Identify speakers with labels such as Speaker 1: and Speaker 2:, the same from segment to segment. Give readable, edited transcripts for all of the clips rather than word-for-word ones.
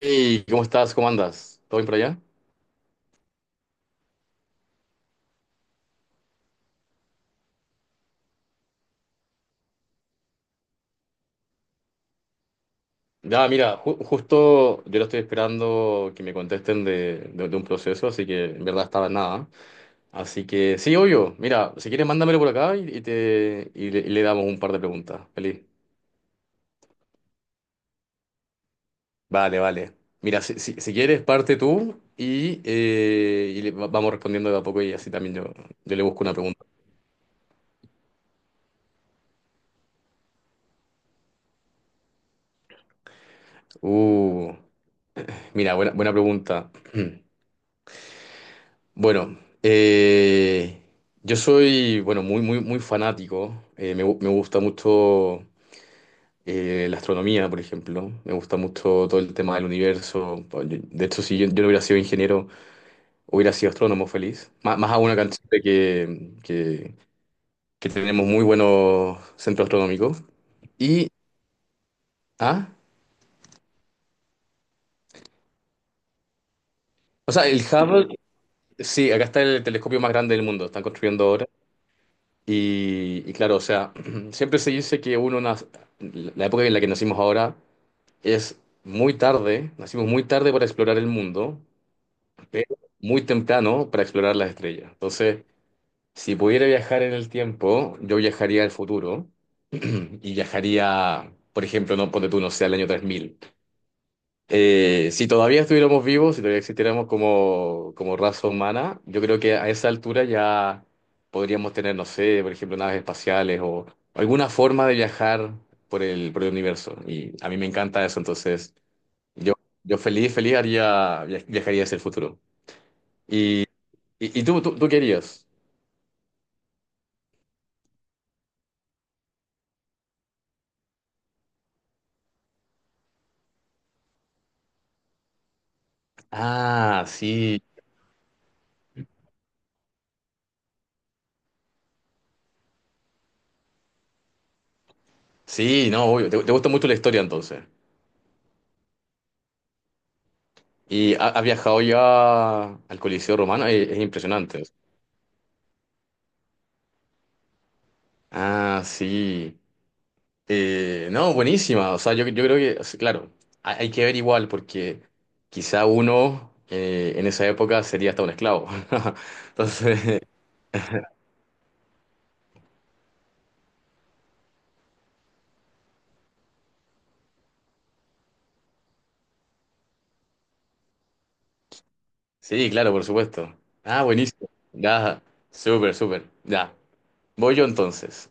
Speaker 1: Hey, ¿cómo estás? ¿Cómo andas? ¿Todo bien por allá? Ya, mira, justo yo lo estoy esperando que me contesten de un proceso, así que en verdad estaba en nada. Así que sí, obvio. Mira, si quieres, mándamelo por acá y le damos un par de preguntas. Feliz. Vale, vale. Mira, si quieres, parte tú y vamos respondiendo de a poco y así también yo le busco una pregunta. Uh, Mira, buena, buena pregunta. Bueno, eh, yo soy, bueno, muy, muy, muy fanático. Me gusta mucho la astronomía, por ejemplo. Me gusta mucho todo el tema del universo. Pues, de hecho, si yo no hubiera sido ingeniero, hubiera sido astrónomo feliz. Más, más aún acá en Chile que tenemos muy buenos centros astronómicos. Y, ah, o sea, el Hubble, sí, acá está el telescopio más grande del mundo. Están construyendo ahora. Y claro, o sea, siempre se dice que uno nace, la época en la que nacimos ahora es muy tarde, nacimos muy tarde para explorar el mundo, pero muy temprano para explorar las estrellas. Entonces, si pudiera viajar en el tiempo, yo viajaría al futuro y viajaría, por ejemplo, no ponte tú, no sé, al año 3000. Si todavía estuviéramos vivos, si todavía existiéramos como, como raza humana, yo creo que a esa altura ya podríamos tener, no sé, por ejemplo, naves espaciales o alguna forma de viajar por el universo. Y a mí me encanta eso, entonces yo, yo feliz, feliz haría, viajaría hacia el futuro. ¿Y, y tú qué harías? Ah, sí, sí, no, obvio. Te gusta mucho la historia entonces. ¿Y has viajado ya al Coliseo Romano? Es impresionante. Ah, sí. No, buenísima. O sea, yo creo que, o sea, claro, hay que ver igual, porque quizá uno en esa época sería hasta un esclavo. Entonces, sí, claro, por supuesto. Ah, buenísimo. Ya, súper, súper. Ya. Voy yo entonces.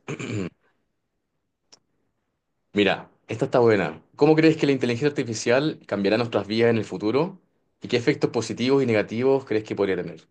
Speaker 1: Mira, esta está buena. ¿Cómo crees que la inteligencia artificial cambiará nuestras vidas en el futuro? ¿Y qué efectos positivos y negativos crees que podría tener?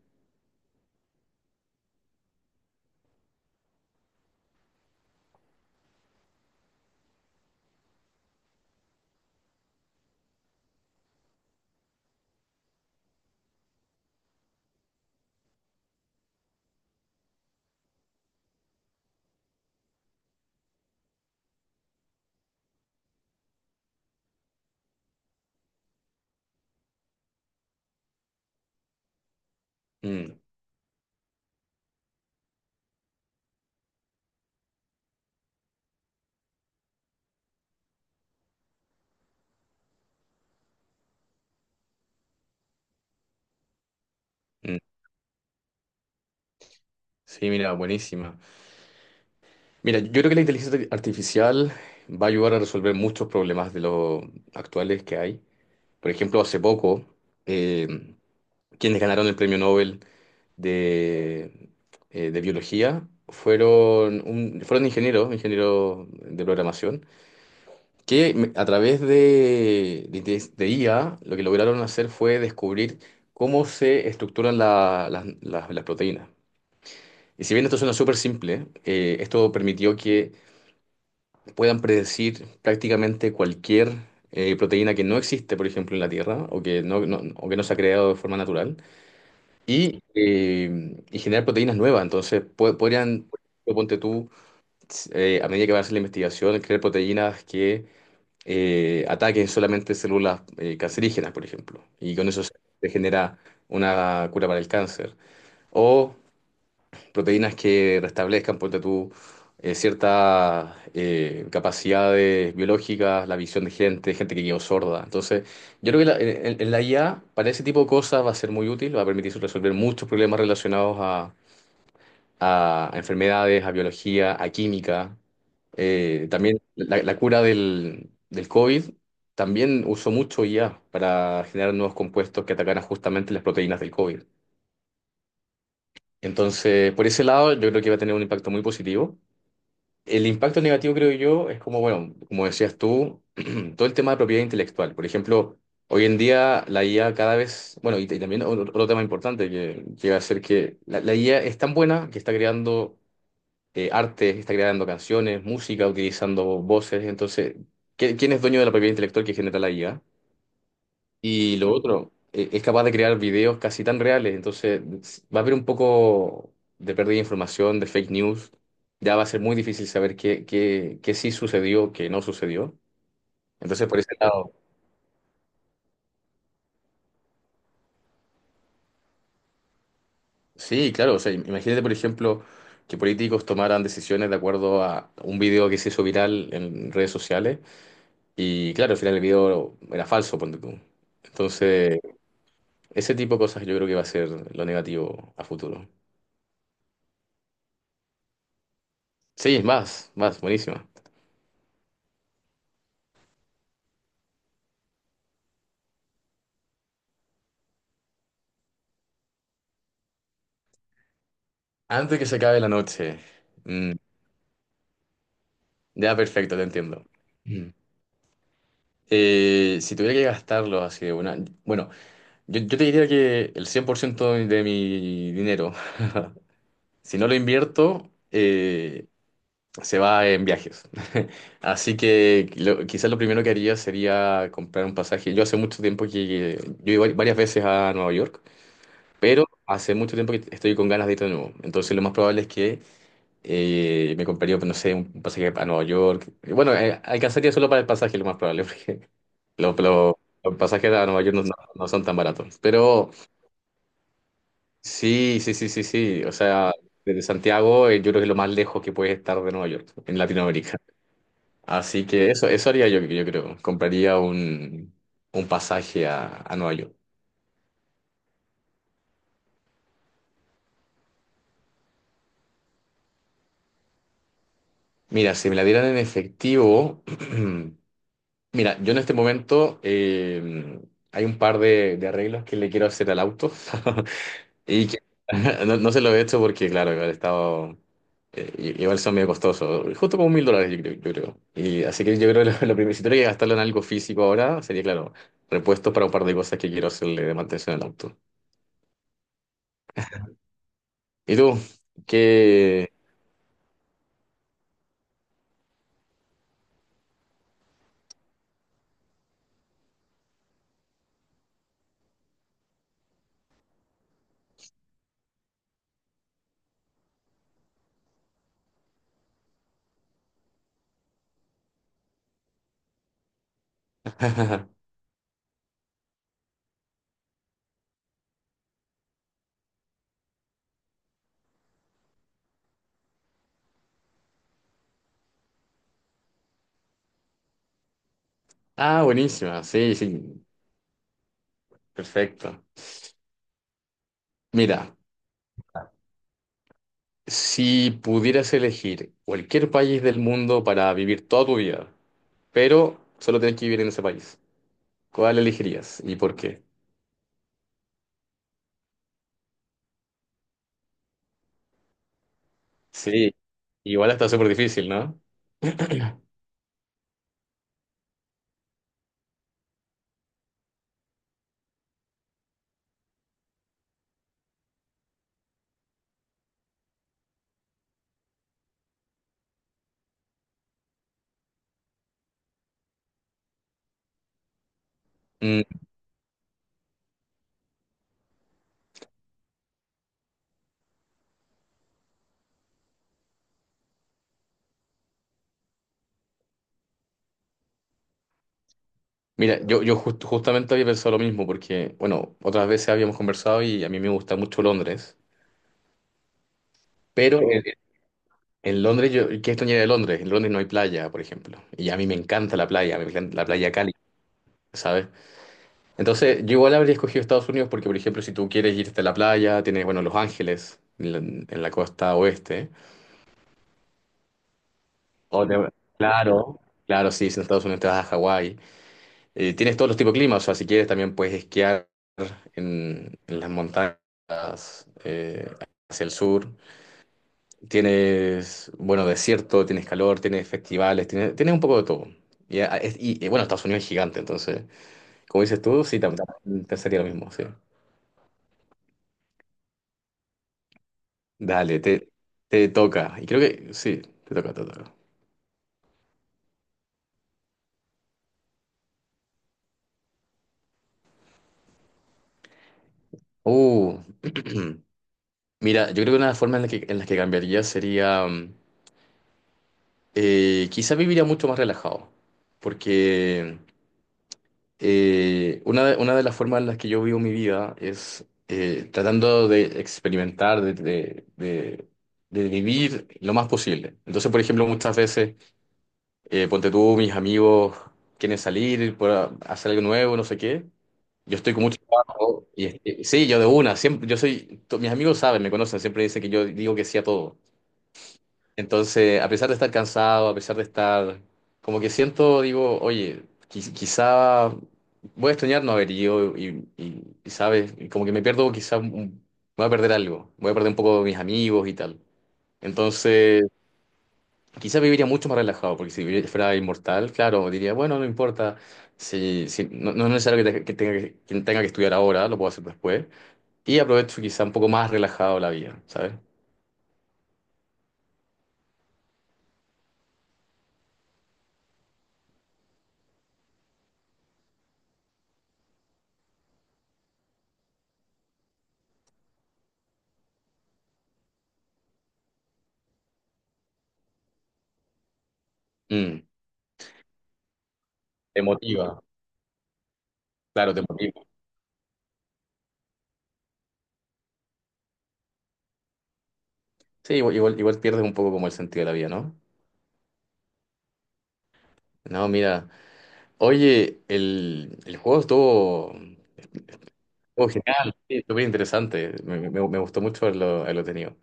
Speaker 1: Mm, mm. Sí, mira, buenísima. Mira, yo creo que la inteligencia artificial va a ayudar a resolver muchos problemas de los actuales que hay. Por ejemplo, hace poco, eh, quienes ganaron el premio Nobel de, de biología fueron, fueron ingenieros, ingenieros de programación, que a través de IA lo que lograron hacer fue descubrir cómo se estructuran las proteínas. Y si bien esto suena súper simple, esto permitió que puedan predecir prácticamente cualquier proteína que no existe, por ejemplo, en la Tierra o que o que no se ha creado de forma natural y generar proteínas nuevas. Entonces, podrían, ponte tú, a medida que va a hacer la investigación, crear proteínas que ataquen solamente células cancerígenas, por ejemplo, y con eso se genera una cura para el cáncer. O proteínas que restablezcan, ponte tú, ciertas capacidades biológicas, la visión de gente que quedó sorda. Entonces, yo creo que en la IA para ese tipo de cosas va a ser muy útil, va a permitir resolver muchos problemas relacionados a enfermedades, a biología, a química. También la cura del COVID también usó mucho IA para generar nuevos compuestos que atacaran justamente las proteínas del COVID. Entonces, por ese lado, yo creo que va a tener un impacto muy positivo. El impacto negativo, creo yo, es como, bueno, como decías tú, todo el tema de propiedad intelectual. Por ejemplo, hoy en día la IA cada vez, bueno, y también otro tema importante que llega a ser que la IA es tan buena que está creando arte, está creando canciones, música, utilizando voces. Entonces, ¿quién es dueño de la propiedad intelectual que genera la IA? Y lo otro, es capaz de crear videos casi tan reales, entonces va a haber un poco de pérdida de información, de fake news, ya va a ser muy difícil saber qué sí sucedió, qué no sucedió. Entonces, por ese lado, sí, claro, o sea, imagínate, por ejemplo, que políticos tomaran decisiones de acuerdo a un video que se hizo viral en redes sociales y claro, al final el video era falso, ponte tú. Entonces, ese tipo de cosas yo creo que va a ser lo negativo a futuro. Sí, es más, más, buenísimo. Antes que se acabe la noche. Mm, ya, perfecto, te entiendo. Mm. Si tuviera que gastarlo así de una. Bueno, yo te diría que el 100% de mi dinero, si no lo invierto, se va en viajes. Así que quizás lo primero que haría sería comprar un pasaje. Yo hace mucho tiempo que. Yo iba varias veces a Nueva York, pero hace mucho tiempo que estoy con ganas de ir de nuevo. Entonces lo más probable es que me compraría, pues, no sé, un pasaje a Nueva York. Bueno, alcanzaría solo para el pasaje, lo más probable, porque los pasajes a Nueva York no son tan baratos. Pero sí, sí, sí, sí, sí. O sea, desde Santiago, yo creo que es lo más lejos que puedes estar de Nueva York, en Latinoamérica. Así que eso haría yo creo. Compraría un pasaje a Nueva York. Mira, si me la dieran en efectivo, mira, yo en este momento hay un par de arreglos que le quiero hacer al auto y que no se lo he hecho porque, claro, igual he estado, igual son medio costosos, justo como mil dólares, yo creo. Yo creo. Y así que yo creo que lo, lo primero, si tuviera que gastarlo en algo físico ahora, sería, claro, repuestos para un par de cosas que quiero hacerle de mantención al auto. ¿Y tú? ¿Qué? Ah, buenísima, sí, sí, perfecto. Mira, si pudieras elegir cualquier país del mundo para vivir toda tu vida, pero solo tienes que vivir en ese país, ¿cuál elegirías y por qué? Sí, igual está súper difícil, ¿no? Mm, mira, yo justamente había pensado lo mismo porque, bueno, otras veces habíamos conversado y a mí me gusta mucho Londres, pero en Londres, yo, ¿qué extrañaría de Londres? En Londres no hay playa, por ejemplo, y a mí me encanta la playa, me encanta la playa cálida, ¿sabes? Entonces, yo igual habría escogido Estados Unidos porque, por ejemplo, si tú quieres irte a la playa, tienes, bueno, Los Ángeles, en la costa oeste. O te- Claro. Claro, sí, si en Estados Unidos te vas a Hawái. Tienes todos los tipos de climas, o sea, si quieres también puedes esquiar en las montañas eh, hacia el sur. Tienes, bueno, desierto, tienes calor, tienes festivales, tienes un poco de todo. Y, bueno, Estados Unidos es gigante, entonces, como dices tú, sí, también te sería lo mismo, sí. Dale, te toca. Y creo que sí, te toca, te toca. Uh, mira, yo creo que una forma en las que cambiaría sería, quizá viviría mucho más relajado, porque una de las formas en las que yo vivo mi vida es tratando de experimentar, de vivir lo más posible. Entonces, por ejemplo, muchas veces, ponte tú, mis amigos quieren salir, hacer algo nuevo, no sé qué. Yo estoy con mucho trabajo y este, sí, yo de una, siempre, yo soy, mis amigos saben, me conocen, siempre dicen que yo digo que sí a todo. Entonces, a pesar de estar cansado, a pesar de estar, como que siento, digo, oye, quizá voy a extrañar no haber ido y, sabes, y como que me pierdo, quizá voy a perder algo, voy a perder un poco de mis amigos y tal. Entonces, quizá viviría mucho más relajado, porque si fuera inmortal, claro, diría, bueno, no importa, no, no es necesario que tenga que estudiar ahora, lo puedo hacer después. Y aprovecho quizá un poco más relajado la vida, ¿sabes? Mm, te motiva, claro, te motiva. Sí, igual, igual, igual pierdes un poco como el sentido de la vida, ¿no? No, mira, oye, el juego estuvo, genial, sí, estuvo bien interesante, me gustó mucho haberlo tenido.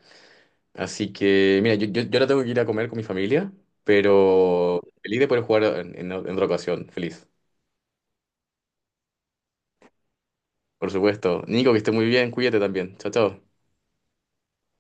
Speaker 1: Así que, mira, yo ahora tengo que ir a comer con mi familia, pero feliz de poder jugar en otra ocasión, feliz. Por supuesto. Nico, que esté muy bien, cuídate también. Chao, chao.